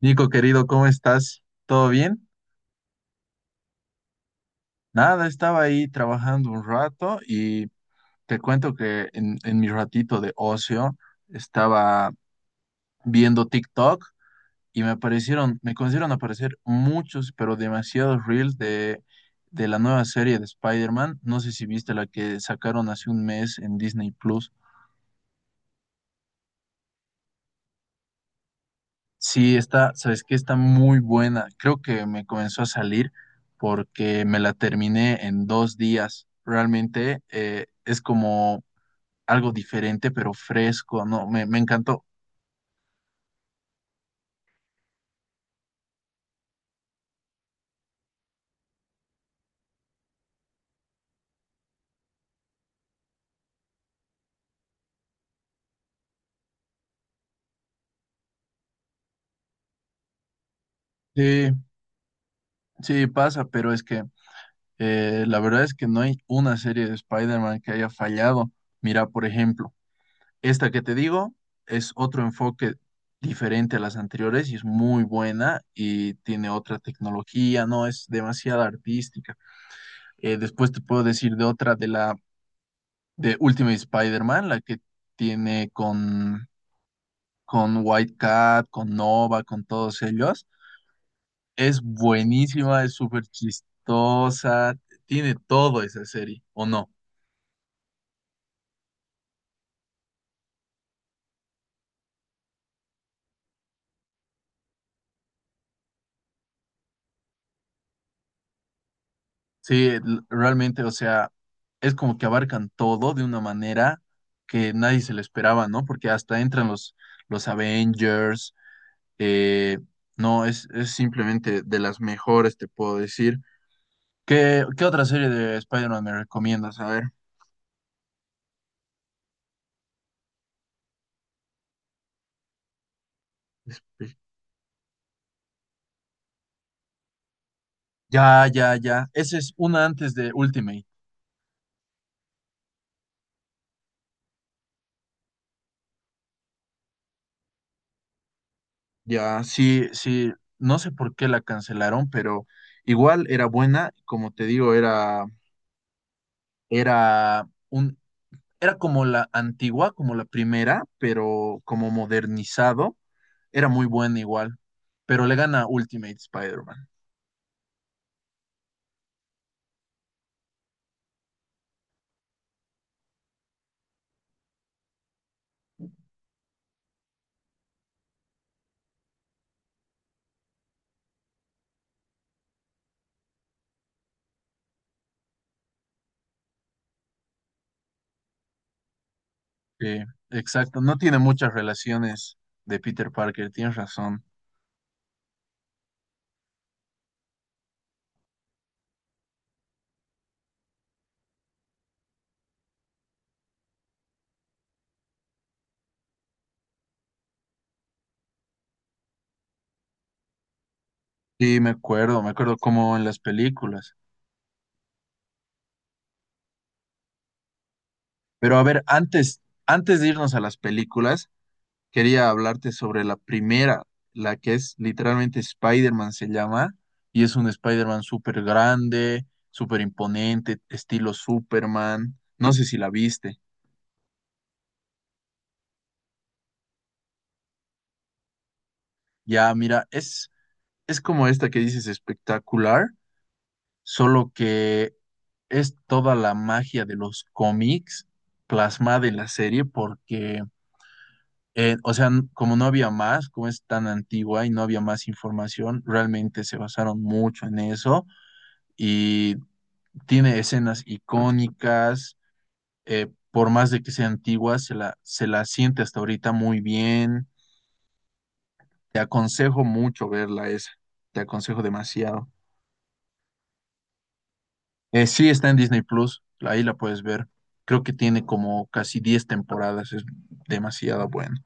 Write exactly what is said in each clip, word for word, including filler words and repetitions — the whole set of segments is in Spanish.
Nico, querido, ¿cómo estás? ¿Todo bien? Nada, estaba ahí trabajando un rato y te cuento que en, en mi ratito de ocio estaba viendo TikTok y me aparecieron, me comenzaron a aparecer muchos, pero demasiados reels de, de la nueva serie de Spider-Man. No sé si viste la que sacaron hace un mes en Disney Plus. Sí, está, sabes que está muy buena. Creo que me comenzó a salir porque me la terminé en dos días. Realmente eh, es como algo diferente, pero fresco, ¿no? Me, me encantó. Sí, sí, pasa, pero es que eh, la verdad es que no hay una serie de Spider-Man que haya fallado. Mira, por ejemplo, esta que te digo es otro enfoque diferente a las anteriores y es muy buena y tiene otra tecnología, no es demasiado artística. Eh, después te puedo decir de otra de la de Ultimate Spider-Man, la que tiene con, con White Cat, con Nova, con todos ellos. Es buenísima, es súper chistosa, tiene todo esa serie, ¿o no? Sí, l- realmente, o sea, es como que abarcan todo de una manera que nadie se lo esperaba, ¿no? Porque hasta entran los, los Avengers, eh, no, es, es simplemente de las mejores, te puedo decir. ¿Qué, ¿qué otra serie de Spider-Man me recomiendas? A ver. Ya, ya, ya. Esa es una antes de Ultimate. Ya, sí, sí. No sé por qué la cancelaron, pero igual era buena. Como te digo, era, era un, era como la antigua, como la primera, pero como modernizado. Era muy buena igual. Pero le gana Ultimate Spider-Man. Sí, exacto. No tiene muchas relaciones de Peter Parker, tienes razón. Sí, me acuerdo, me acuerdo como en las películas. Pero a ver, antes, antes de irnos a las películas, quería hablarte sobre la primera, la que es literalmente Spider-Man se llama, y es un Spider-Man súper grande, súper imponente, estilo Superman. No sé si la viste. Ya, mira, es, es como esta que dices espectacular, solo que es toda la magia de los cómics plasmada en la serie porque Eh, o sea, n- como no había más, como es tan antigua y no había más información, realmente se basaron mucho en eso y tiene escenas icónicas, eh, por más de que sea antigua, se la, se la siente hasta ahorita muy bien. Te aconsejo mucho verla esa, te aconsejo demasiado. Eh, sí, está en Disney Plus, ahí la puedes ver. Creo que tiene como casi diez temporadas, es demasiado buena.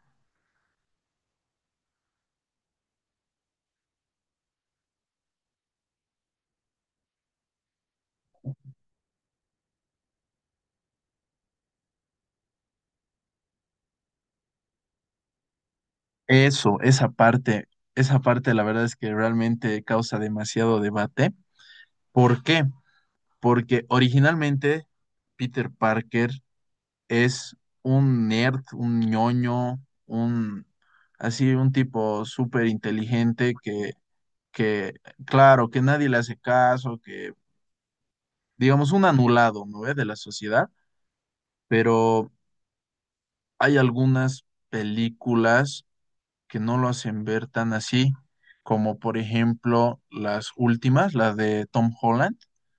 Eso, esa parte, esa parte la verdad es que realmente causa demasiado debate. ¿Por qué? Porque originalmente Peter Parker es un nerd, un ñoño, un así un tipo súper inteligente que, que, claro, que nadie le hace caso, que digamos un anulado, ¿no? ¿Eh? De la sociedad, pero hay algunas películas que no lo hacen ver tan así, como por ejemplo las últimas, las de Tom Holland.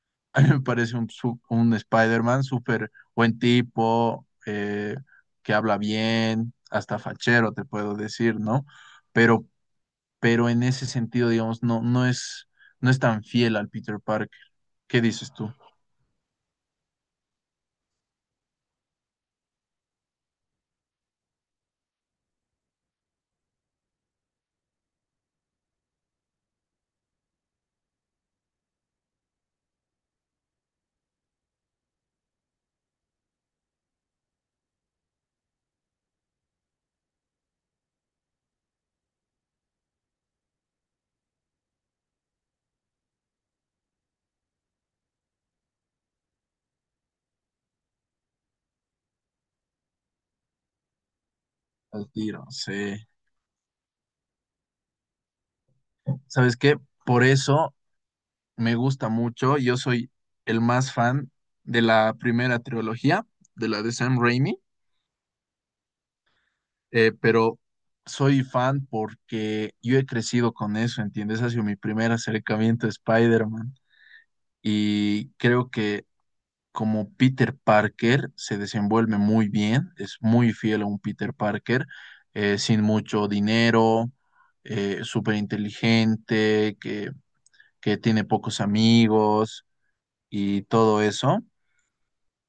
A mí me parece un, su- un Spider-Man súper buen tipo, eh, que habla bien, hasta fachero, te puedo decir, ¿no? Pero, pero en ese sentido, digamos, no, no es, no es tan fiel al Peter Parker. ¿Qué dices tú? Al tiro, sí. ¿Sabes qué? Por eso me gusta mucho. Yo soy el más fan de la primera trilogía, de la de Sam Raimi, eh, pero soy fan porque yo he crecido con eso, ¿entiendes? Ha sido mi primer acercamiento a Spider-Man y creo que como Peter Parker se desenvuelve muy bien, es muy fiel a un Peter Parker, eh, sin mucho dinero, súper inteligente, que, que tiene pocos amigos y todo eso.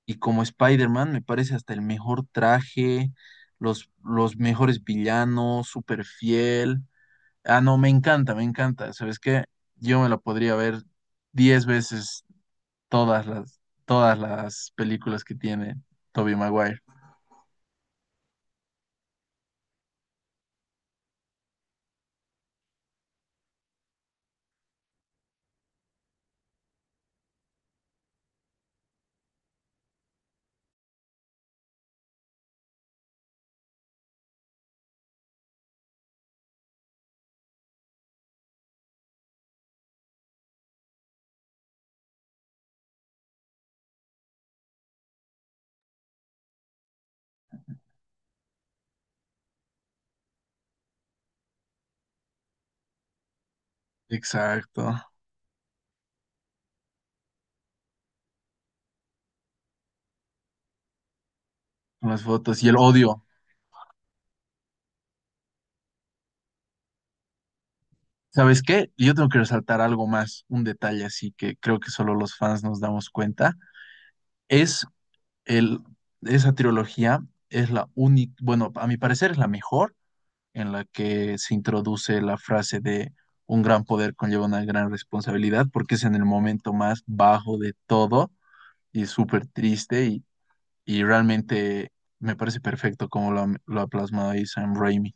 Y como Spider-Man, me parece hasta el mejor traje, los, los mejores villanos, súper fiel. Ah, no, me encanta, me encanta. ¿Sabes qué? Yo me la podría ver diez veces todas las, todas las películas que tiene Tobey Maguire. Exacto, con las fotos y el odio. ¿Sabes qué? Yo tengo que resaltar algo más, un detalle así que creo que solo los fans nos damos cuenta. Es El, esa trilogía es la única, bueno, a mi parecer es la mejor en la que se introduce la frase de un gran poder conlleva una gran responsabilidad, porque es en el momento más bajo de todo y súper triste y, y realmente me parece perfecto como lo, ha- lo ha plasmado ahí Sam Raimi.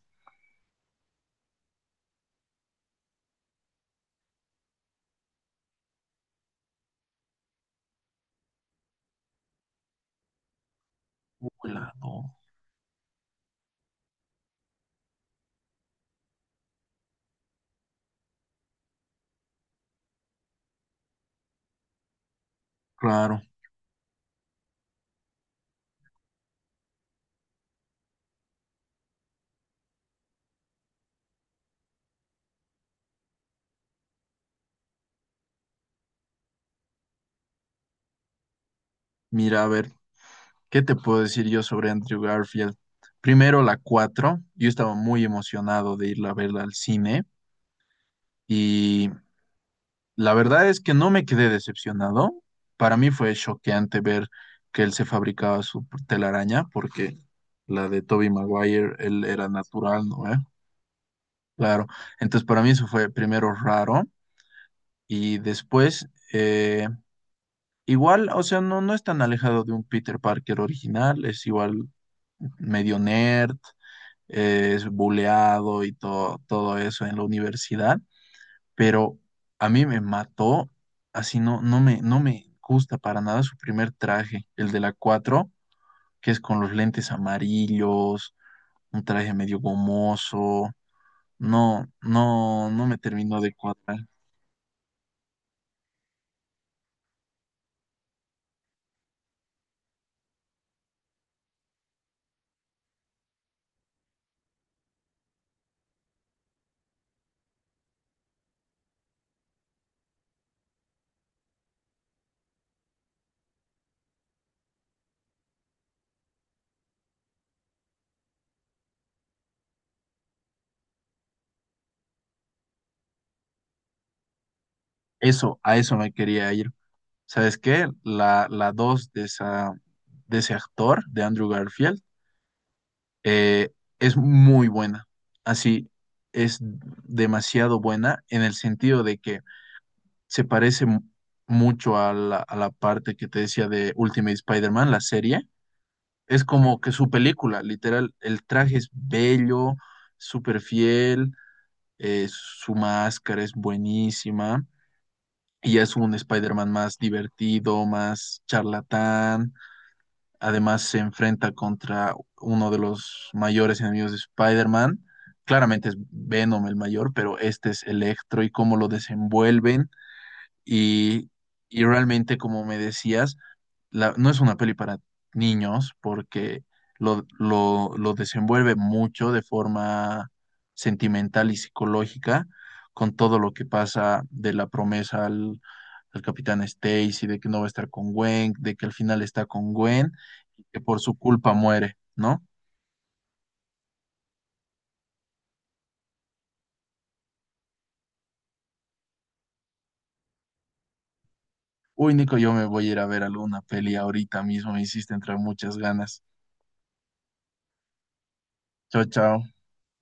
Hola, no. Claro, mira, a ver, ¿qué te puedo decir yo sobre Andrew Garfield? Primero, la cuatro yo estaba muy emocionado de irla a verla al cine y la verdad es que no me quedé decepcionado. Para mí fue choqueante ver que él se fabricaba su telaraña, porque la de Tobey Maguire, él era natural, ¿no? ¿eh? Claro. Entonces, para mí eso fue primero raro y después, eh, igual, o sea, no, no es tan alejado de un Peter Parker original, es igual medio nerd, eh, es buleado y todo, todo eso en la universidad. Pero a mí me mató, así no, no me, no me gusta para nada su primer traje, el de la cuatro que es con los lentes amarillos, un traje medio gomoso, no, no, no me terminó de cuadrar. Eso, a eso me quería ir. ¿Sabes qué? La, la dos de esa, de ese actor, de Andrew Garfield, eh, es muy buena. Así, es demasiado buena en el sentido de que se parece mu- mucho a la, a la parte que te decía de Ultimate Spider-Man, la serie. Es como que su película, literal, el traje es bello, súper fiel, eh, su máscara es buenísima y es un Spider-Man más divertido, más charlatán. Además se enfrenta contra uno de los mayores enemigos de Spider-Man. Claramente es Venom el mayor, pero este es Electro y cómo lo desenvuelven y, y realmente, como me decías, la- no es una peli para niños porque lo, lo, lo desenvuelve mucho de forma sentimental y psicológica con todo lo que pasa de la promesa al, al capitán Stacy, de que no va a estar con Gwen, de que al final está con Gwen y que por su culpa muere, ¿no? Uy, Nico, yo me voy a ir a ver alguna peli ahorita mismo, me hiciste entrar muchas ganas. Chao, chao.